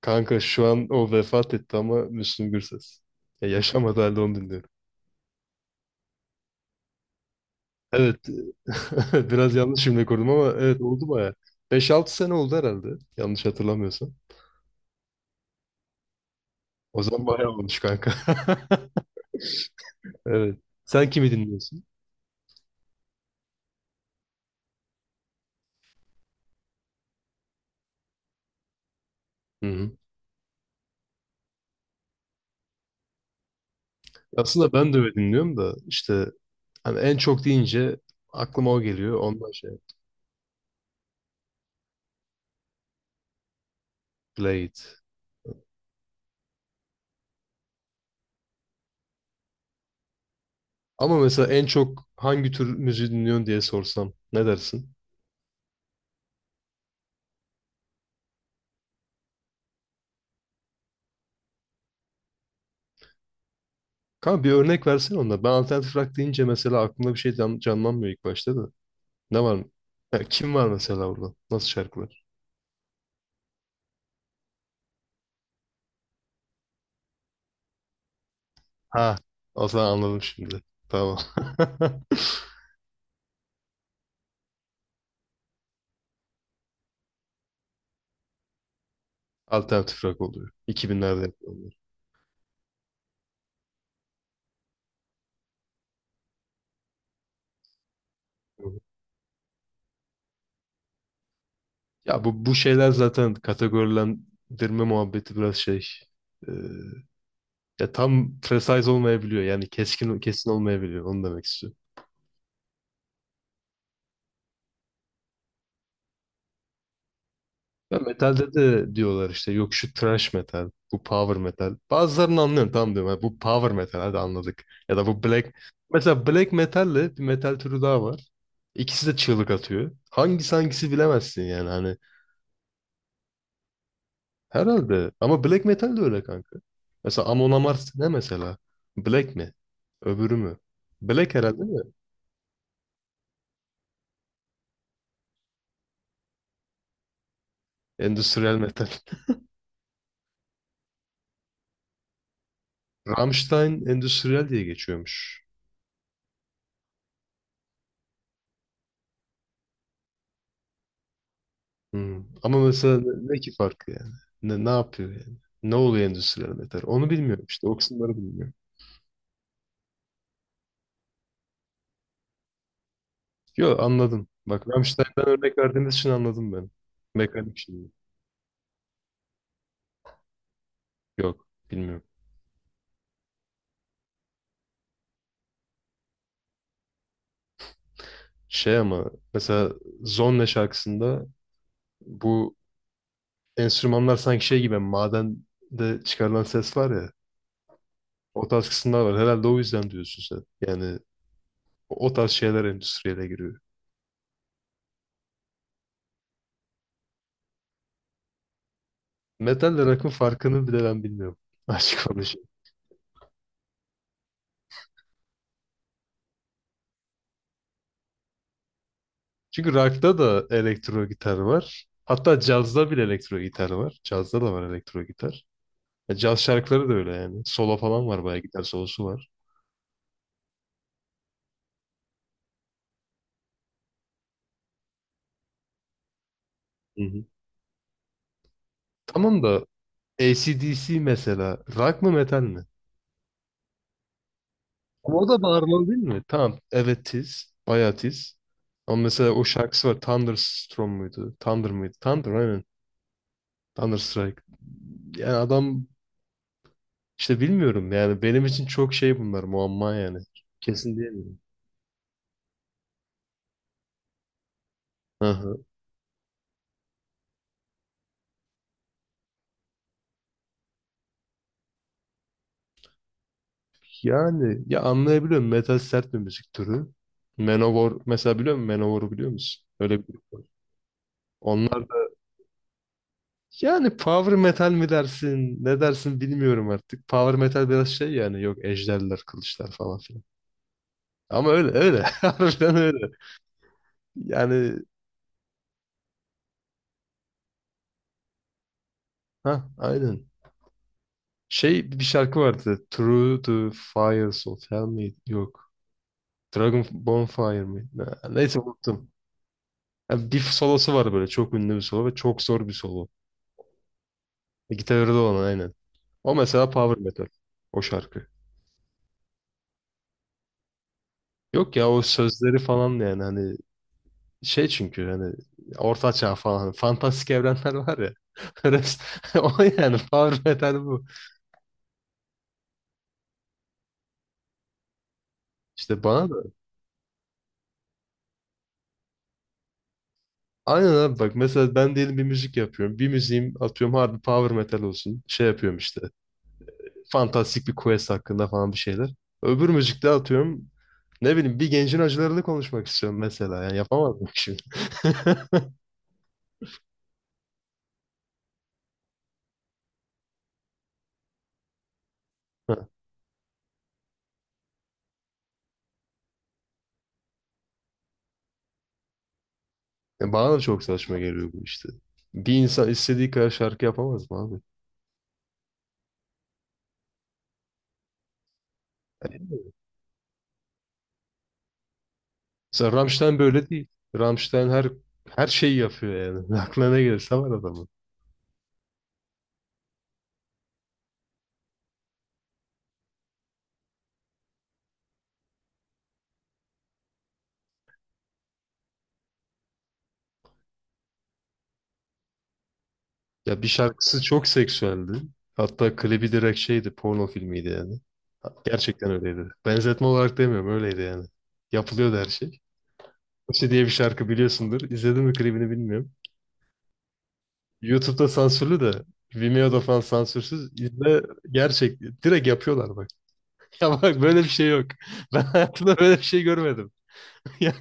Kanka şu an o vefat etti ama Müslüm Gürses. Ya yaşamadı halde onu dinliyorum. Evet. Biraz yanlış cümle kurdum ama evet oldu baya. Beş altı sene oldu herhalde. Yanlış hatırlamıyorsam. O zaman bayağı olmuş kanka. Evet. Sen kimi dinliyorsun? Hı hı. Aslında ben de öyle dinliyorum da işte hani en çok deyince aklıma o geliyor. Ondan şey. Blade. Ama mesela en çok hangi tür müziği dinliyorsun diye sorsam ne dersin? Kanka bir örnek versene onda. Ben alternatif rock deyince mesela aklımda bir şey canlanmıyor ilk başta da. Ne var mı? Ya kim var mesela burada? Nasıl şarkılar? Ha, o zaman anladım şimdi. Tamam. Alternatif rock oluyor. 2000'lerde yapıyorlar. Hı hı. Ya bu şeyler zaten kategorilendirme muhabbeti biraz şey. e, Ya tam precise olmayabiliyor. Yani keskin kesin olmayabiliyor. Onu demek istiyorum. Ya metalde de diyorlar işte, yok şu thrash metal, bu power metal. Bazılarını anlıyorum, tamam diyorum. "Ha, bu power metal, hadi anladık. Ya da bu black." Mesela black metalle bir metal türü daha var. İkisi de çığlık atıyor. Hangisi hangisi bilemezsin yani hani. Herhalde. Ama black metal de öyle kanka. Mesela Amon Amarth ne mesela? Black mi? Öbürü mü? Black herhalde değil mi? Endüstriyel metal. Rammstein endüstriyel diye geçiyormuş. Hmm. Ama mesela ne ki farkı yani? Ne yapıyor yani? Ne oluyor endüstriyel metal? Onu bilmiyorum işte. O kısımları bilmiyorum. Yok anladım. Bak Rammstein'den örnek verdiğiniz için anladım ben. Mekanik şimdi. Yok bilmiyorum. Şey ama mesela Zonne şarkısında bu enstrümanlar sanki şey gibi, hani madende çıkarılan ses var ya. O tarz kısımlar var. Herhalde o yüzden diyorsun sen. Yani o tarz şeyler endüstriyele giriyor. Metalle rock'ın farkını bile ben bilmiyorum. Açık konuşayım. Çünkü rock'ta da elektro gitar var. Hatta cazda bile elektro gitar var. Cazda da var elektro gitar. Ya caz şarkıları da öyle yani. Solo falan var, bayağı gitar solosu var. Hı hı. Tamam da AC/DC mesela rock mı metal mi? Ama o da bağırmalı değil mi? Tamam. Evet tiz. Bayağı tiz. Ama mesela o şarkısı var. Thunderstorm muydu? Thunder mıydı? Thunder aynen. Thunderstrike. Yani adam işte bilmiyorum yani, benim için çok şey bunlar, muamma yani. Kesin diyemiyorum. Yani ya anlayabiliyorum, metal sert bir müzik türü. Manowar mesela biliyor musun? Manowar'u biliyor musun? Öyle bir grup var. Onlar da- Yani power metal mi dersin? Ne dersin bilmiyorum artık. Power metal biraz şey yani, yok ejderler, kılıçlar falan filan. Ama öyle öyle. Harbiden öyle. Yani ha aynen. Şey bir şarkı vardı. Through the Fires of Hell miydi? Yok. Dragon Bonfire mi? Neyse unuttum. Ya bir solosu var böyle, çok ünlü bir solo ve çok zor bir solo. E, gitarı da olan aynen. O mesela power metal. O şarkı. Yok ya, o sözleri falan da yani hani şey, çünkü hani orta çağ falan, hani fantastik evrenler var ya. O yani power metal bu. İşte bana da aynen abi, bak mesela ben diyelim bir müzik yapıyorum. Bir müziğim atıyorum harbi power metal olsun. Şey yapıyorum işte, fantastik bir quest hakkında falan bir şeyler. Öbür müzikte atıyorum ne bileyim, bir gencin acılarını konuşmak istiyorum mesela. Yani yapamadım şimdi. Ya bana da çok saçma geliyor bu işte. Bir insan istediği kadar şarkı yapamaz mı abi? Mesela Rammstein böyle değil. Rammstein her şeyi yapıyor yani. Aklına ne gelirse var adamın. Ya bir şarkısı çok seksüeldi. Hatta klibi direkt şeydi, porno filmiydi yani. Gerçekten öyleydi. Benzetme olarak demiyorum, öyleydi yani. Yapılıyordu her şey. İşte diye bir şarkı biliyorsundur. İzledin mi klibini bilmiyorum. YouTube'da sansürlü de Vimeo'da falan sansürsüz. İzle, gerçek direkt yapıyorlar bak. Ya bak böyle bir şey yok. Ben hayatımda böyle bir şey görmedim. Yani,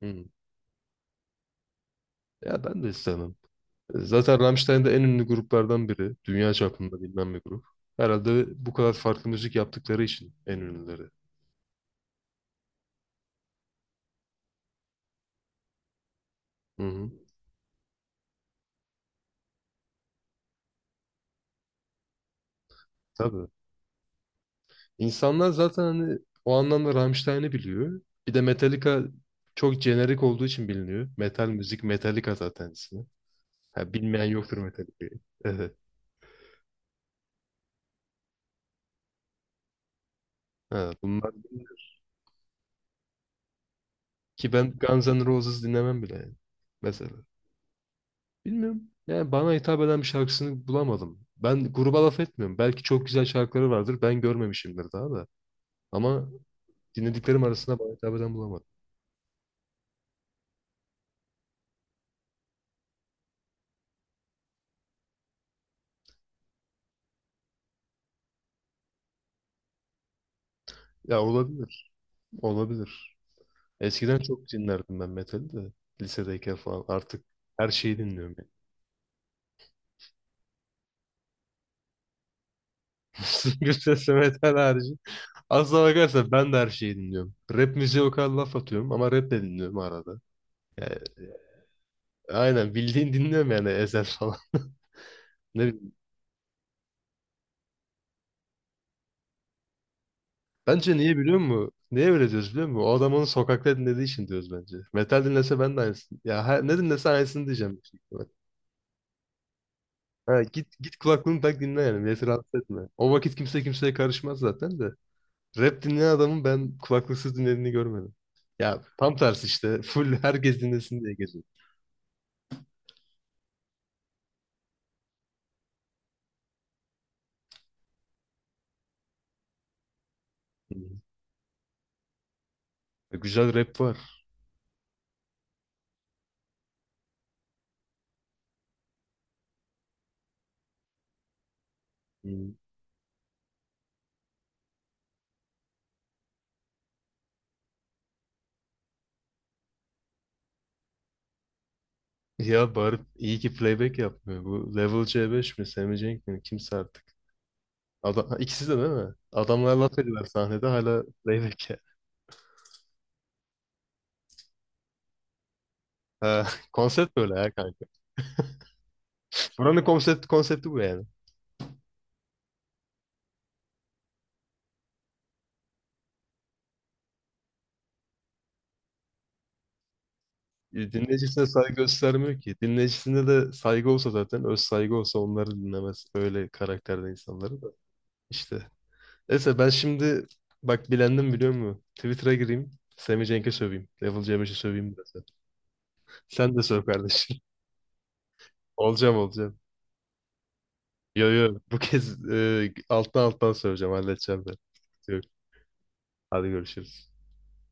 hmm. Ya ben de istemem. E, zaten Rammstein de en ünlü gruplardan biri. Dünya çapında bilinen bir grup. Herhalde bu kadar farklı müzik yaptıkları için en ünlüleri. Hı hı. Tabii. İnsanlar zaten hani o anlamda Rammstein'i biliyor. Bir de Metallica çok jenerik olduğu için biliniyor. Metal müzik Metallica zaten ismi. Ha, bilmeyen yoktur Metallica'yı. Evet. Ha, bunlar ki ben Guns N' Roses dinlemem bile yani. Mesela. Bilmiyorum. Yani bana hitap eden bir şarkısını bulamadım. Ben gruba laf etmiyorum. Belki çok güzel şarkıları vardır. Ben görmemişimdir daha da. Ama dinlediklerim arasında bana hitap eden bulamadım. Ya olabilir. Olabilir. Eskiden çok dinlerdim ben metali de. Lisedeyken falan. Artık her şeyi dinliyorum yani. Gürses ve metal harici. Aslına bakarsan ben de her şeyi dinliyorum. Rap müziğe o kadar laf atıyorum ama rap de dinliyorum arada. Yani aynen bildiğin dinliyorum yani Ezel falan. Ne bileyim. Bence niye biliyor musun? Niye öyle diyoruz biliyor musun? O adam onu sokakta dinlediği için diyoruz bence. Metal dinlese ben de aynısını. Ya her- ne dinlese aynısını diyeceğim. Büyük ihtimal. Ha, git kulaklığını tak dinle yani. Milleti rahatsız etme. O vakit kimse kimseye karışmaz zaten de. Rap dinleyen adamın ben kulaklıksız dinlediğini görmedim. Ya tam tersi işte. Full herkes dinlesin diye geziyor. Hı. Güzel rap var. Hı. Ya bağırıp iyi ki playback yapmıyor. Bu Level C5 mi, Sammy Cenk mi? Kimse artık. Adam, ikisi de değil mi? Adamlar laf ediyorlar sahnede hala playback. Ha, konsept böyle ya kanka. Buranın konsepti bu yani. E, dinleyicisine saygı göstermiyor ki. Dinleyicisine de saygı olsa, zaten öz saygı olsa onları dinlemez. Öyle karakterde insanları da. İşte. Neyse ben şimdi bak bilendim biliyor musun? Twitter'a gireyim. Sami Cenk'e söveyim. Level C5'e söveyim biraz da. Sen de söv kardeşim. Olacağım olacağım. Yo yo bu kez alttan alttan söveceğim halledeceğim ben. Yok. Hadi görüşürüz.